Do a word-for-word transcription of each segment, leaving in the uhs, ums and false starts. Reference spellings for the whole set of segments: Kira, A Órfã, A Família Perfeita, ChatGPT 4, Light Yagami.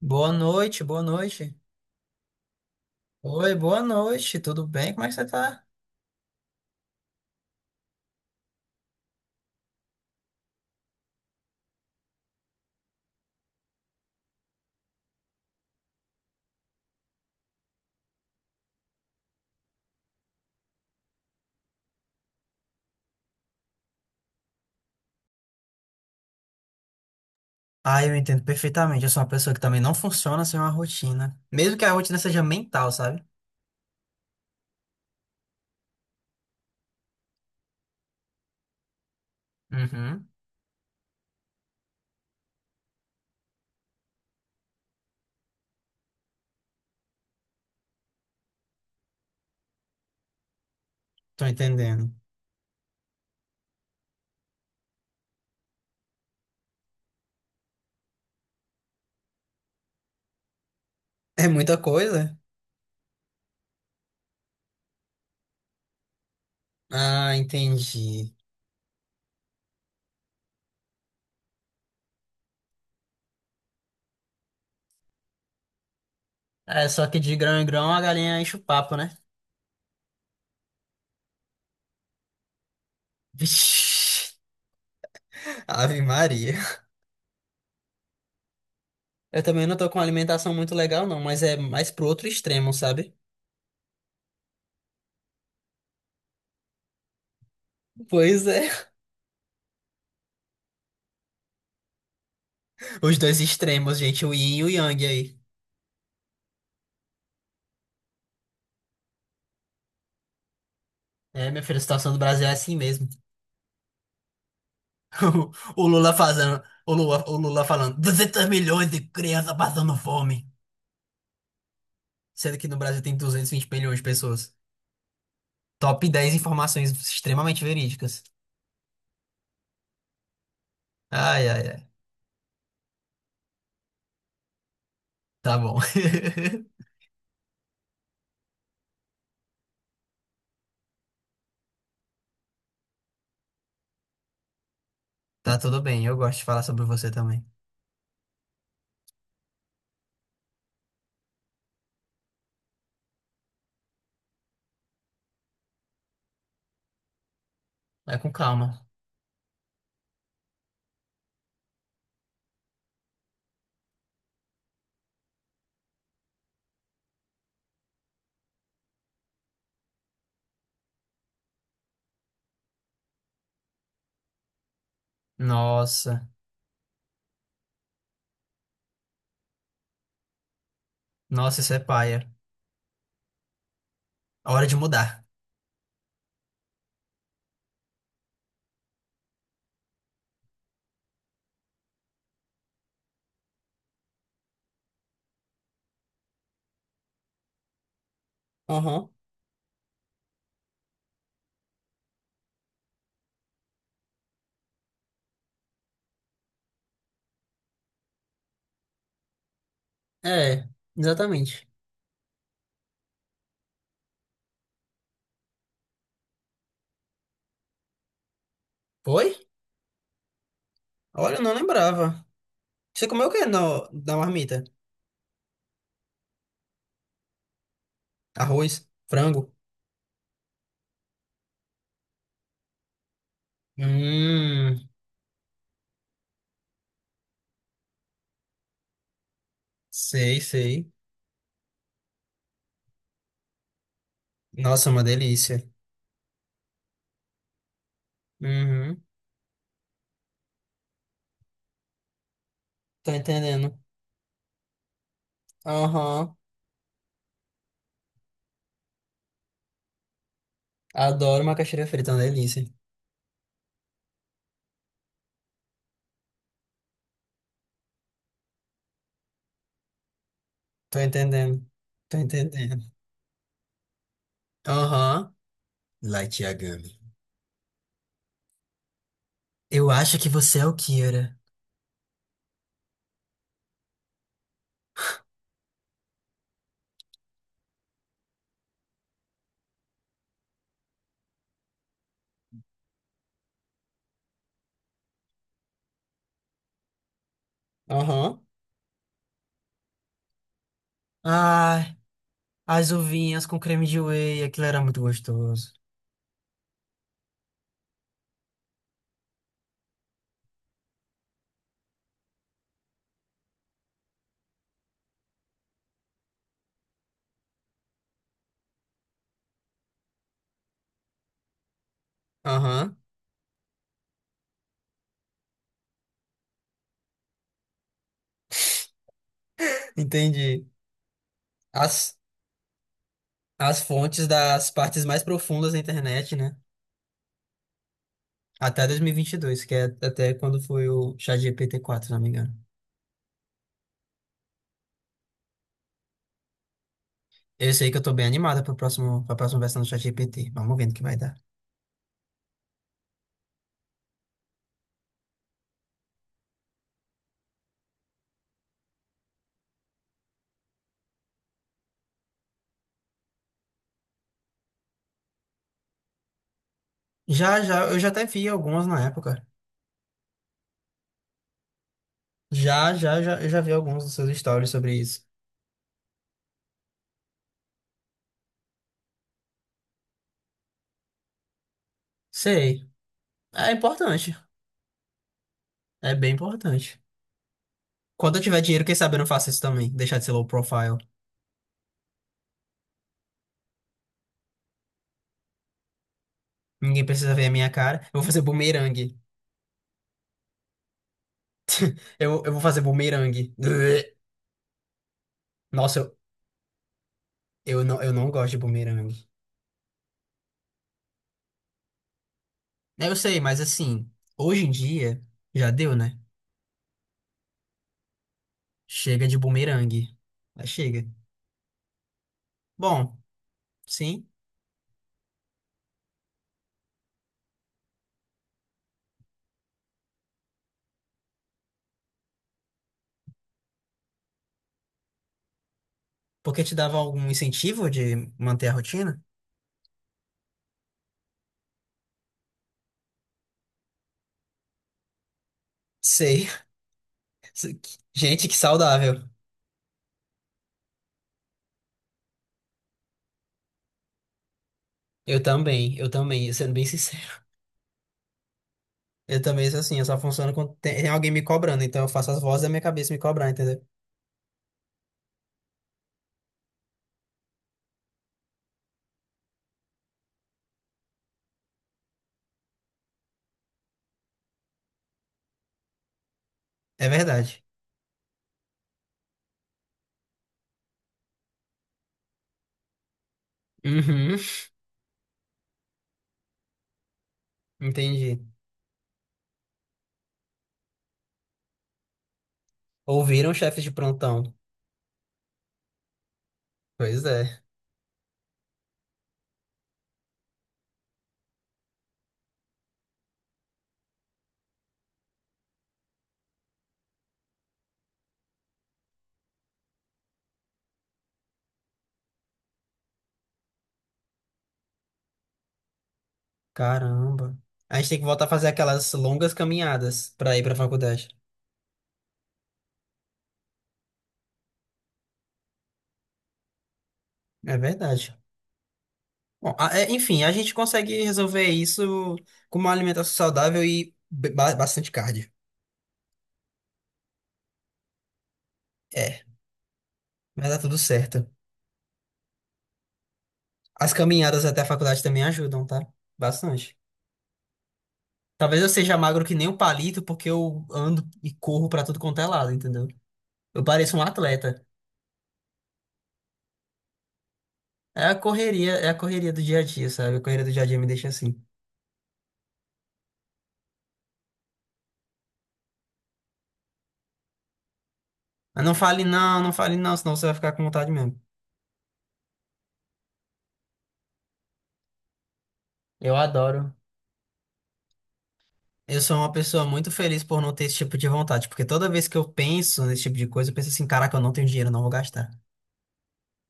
Boa noite, boa noite. Oi, boa noite, tudo bem? Como é que você tá? Ah, eu entendo perfeitamente. Eu sou uma pessoa que também não funciona sem uma rotina. Mesmo que a rotina seja mental, sabe? Uhum, tô entendendo. É muita coisa? Ah, entendi. É, só que de grão em grão a galinha enche o papo, né? Vixe, Ave Maria. Eu também não tô com uma alimentação muito legal, não, mas é mais pro outro extremo, sabe? Pois é. Os dois extremos, gente, o yin e o yang aí. É, minha filha, a situação do Brasil é assim mesmo. O Lula fazendo, o Lula, o Lula falando duzentos milhões de crianças passando fome, sendo que no Brasil tem duzentos e vinte milhões de pessoas. Top dez informações extremamente verídicas. Ai, ai, ai. Tá bom. Tá tudo bem, eu gosto de falar sobre você também. Vai com calma. Nossa, nossa, isso é paia. Hora de mudar. Uhum. É, exatamente. Foi? Olha, eu não lembrava. Você comeu o que no, da marmita? Arroz? Frango? Hum, sei, sei. Nossa, uma delícia. Uhum. Tô entendendo. Aham. Adoro macaxeira frita, é uma delícia. Tô entendendo. Tô entendendo. Aham. Light Yagami. Eu acho que você é o Kira. Aham. Ai, as uvinhas com creme de whey, aquilo era muito gostoso. Aham. Entendi. As, as fontes das partes mais profundas da internet, né? Até dois mil e vinte e dois, que é até quando foi o ChatGPT quatro, se não me engano. Eu sei que eu tô bem animada pro próximo, pra próxima versão do ChatGPT. Vamos vendo o que vai dar. Já, já, eu já até vi algumas na época. Já, já, já, eu já vi alguns dos seus stories sobre isso. Sei. É importante. É bem importante. Quando eu tiver dinheiro, quem sabe eu não faço isso também. Deixar de ser low profile. Ninguém precisa ver a minha cara. Eu vou fazer bumerangue. Eu, eu vou fazer bumerangue. Ugh. Nossa, eu, eu não, eu não gosto de bumerangue. Eu sei, mas assim, hoje em dia, já deu, né? Chega de bumerangue. Mas chega. Bom. Sim. Porque te dava algum incentivo de manter a rotina? Sei. Gente, que saudável. Eu também, eu também, sendo bem sincero. Eu também sou assim, eu só funciono quando tem alguém me cobrando, então eu faço as vozes da minha cabeça me cobrar, entendeu? É verdade. Uhum, entendi. Ouviram, chefe de prontão? Pois é. Caramba. A gente tem que voltar a fazer aquelas longas caminhadas pra ir pra faculdade. É verdade. Bom, a- é, enfim, a gente consegue resolver isso com uma alimentação saudável e ba- bastante cardio. É, mas dá tudo certo. As caminhadas até a faculdade também ajudam, tá? Bastante. Talvez eu seja magro que nem um palito, porque eu ando e corro pra tudo quanto é lado, entendeu? Eu pareço um atleta. É a correria, é a correria do dia a dia, sabe? A correria do dia a dia me deixa assim. Mas não fale não, não fale não, senão você vai ficar com vontade mesmo. Eu adoro. Eu sou uma pessoa muito feliz por não ter esse tipo de vontade, porque toda vez que eu penso nesse tipo de coisa, eu penso assim, caraca, eu não tenho dinheiro, eu não vou gastar.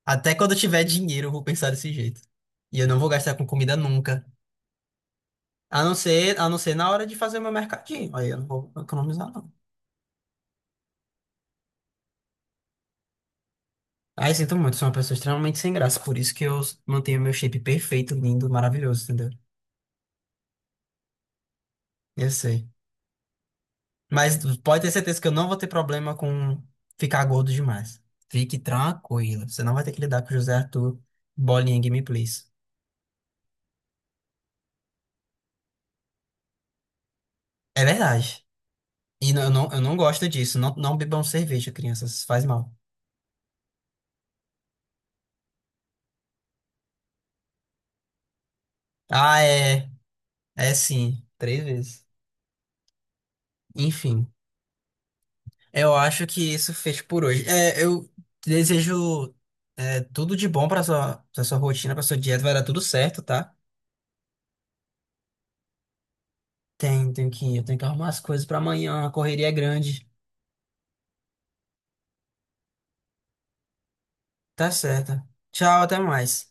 Até quando eu tiver dinheiro, eu vou pensar desse jeito. E eu não vou gastar com comida nunca. A não ser, a não ser na hora de fazer o meu mercadinho. Aí eu não vou economizar, não. Aí sinto muito, sou uma pessoa extremamente sem graça. Por isso que eu mantenho meu shape perfeito, lindo, maravilhoso, entendeu? Eu sei. Mas pode ter certeza que eu não vou ter problema com ficar gordo demais. Fique tranquilo. Você não vai ter que lidar com o José Arthur bolinha Game Please. É verdade. E não- eu não, eu não gosto disso. Não, não bebam cerveja, crianças. Faz mal. Ah, é. É sim. Três vezes. Enfim. Eu acho que isso fez por hoje. É, eu desejo é, tudo de bom para sua, pra sua rotina, para sua dieta, vai dar tudo certo, tá? Tem, tenho que, eu tenho que arrumar as coisas para amanhã, a correria é grande. Tá certo. Tchau, até mais.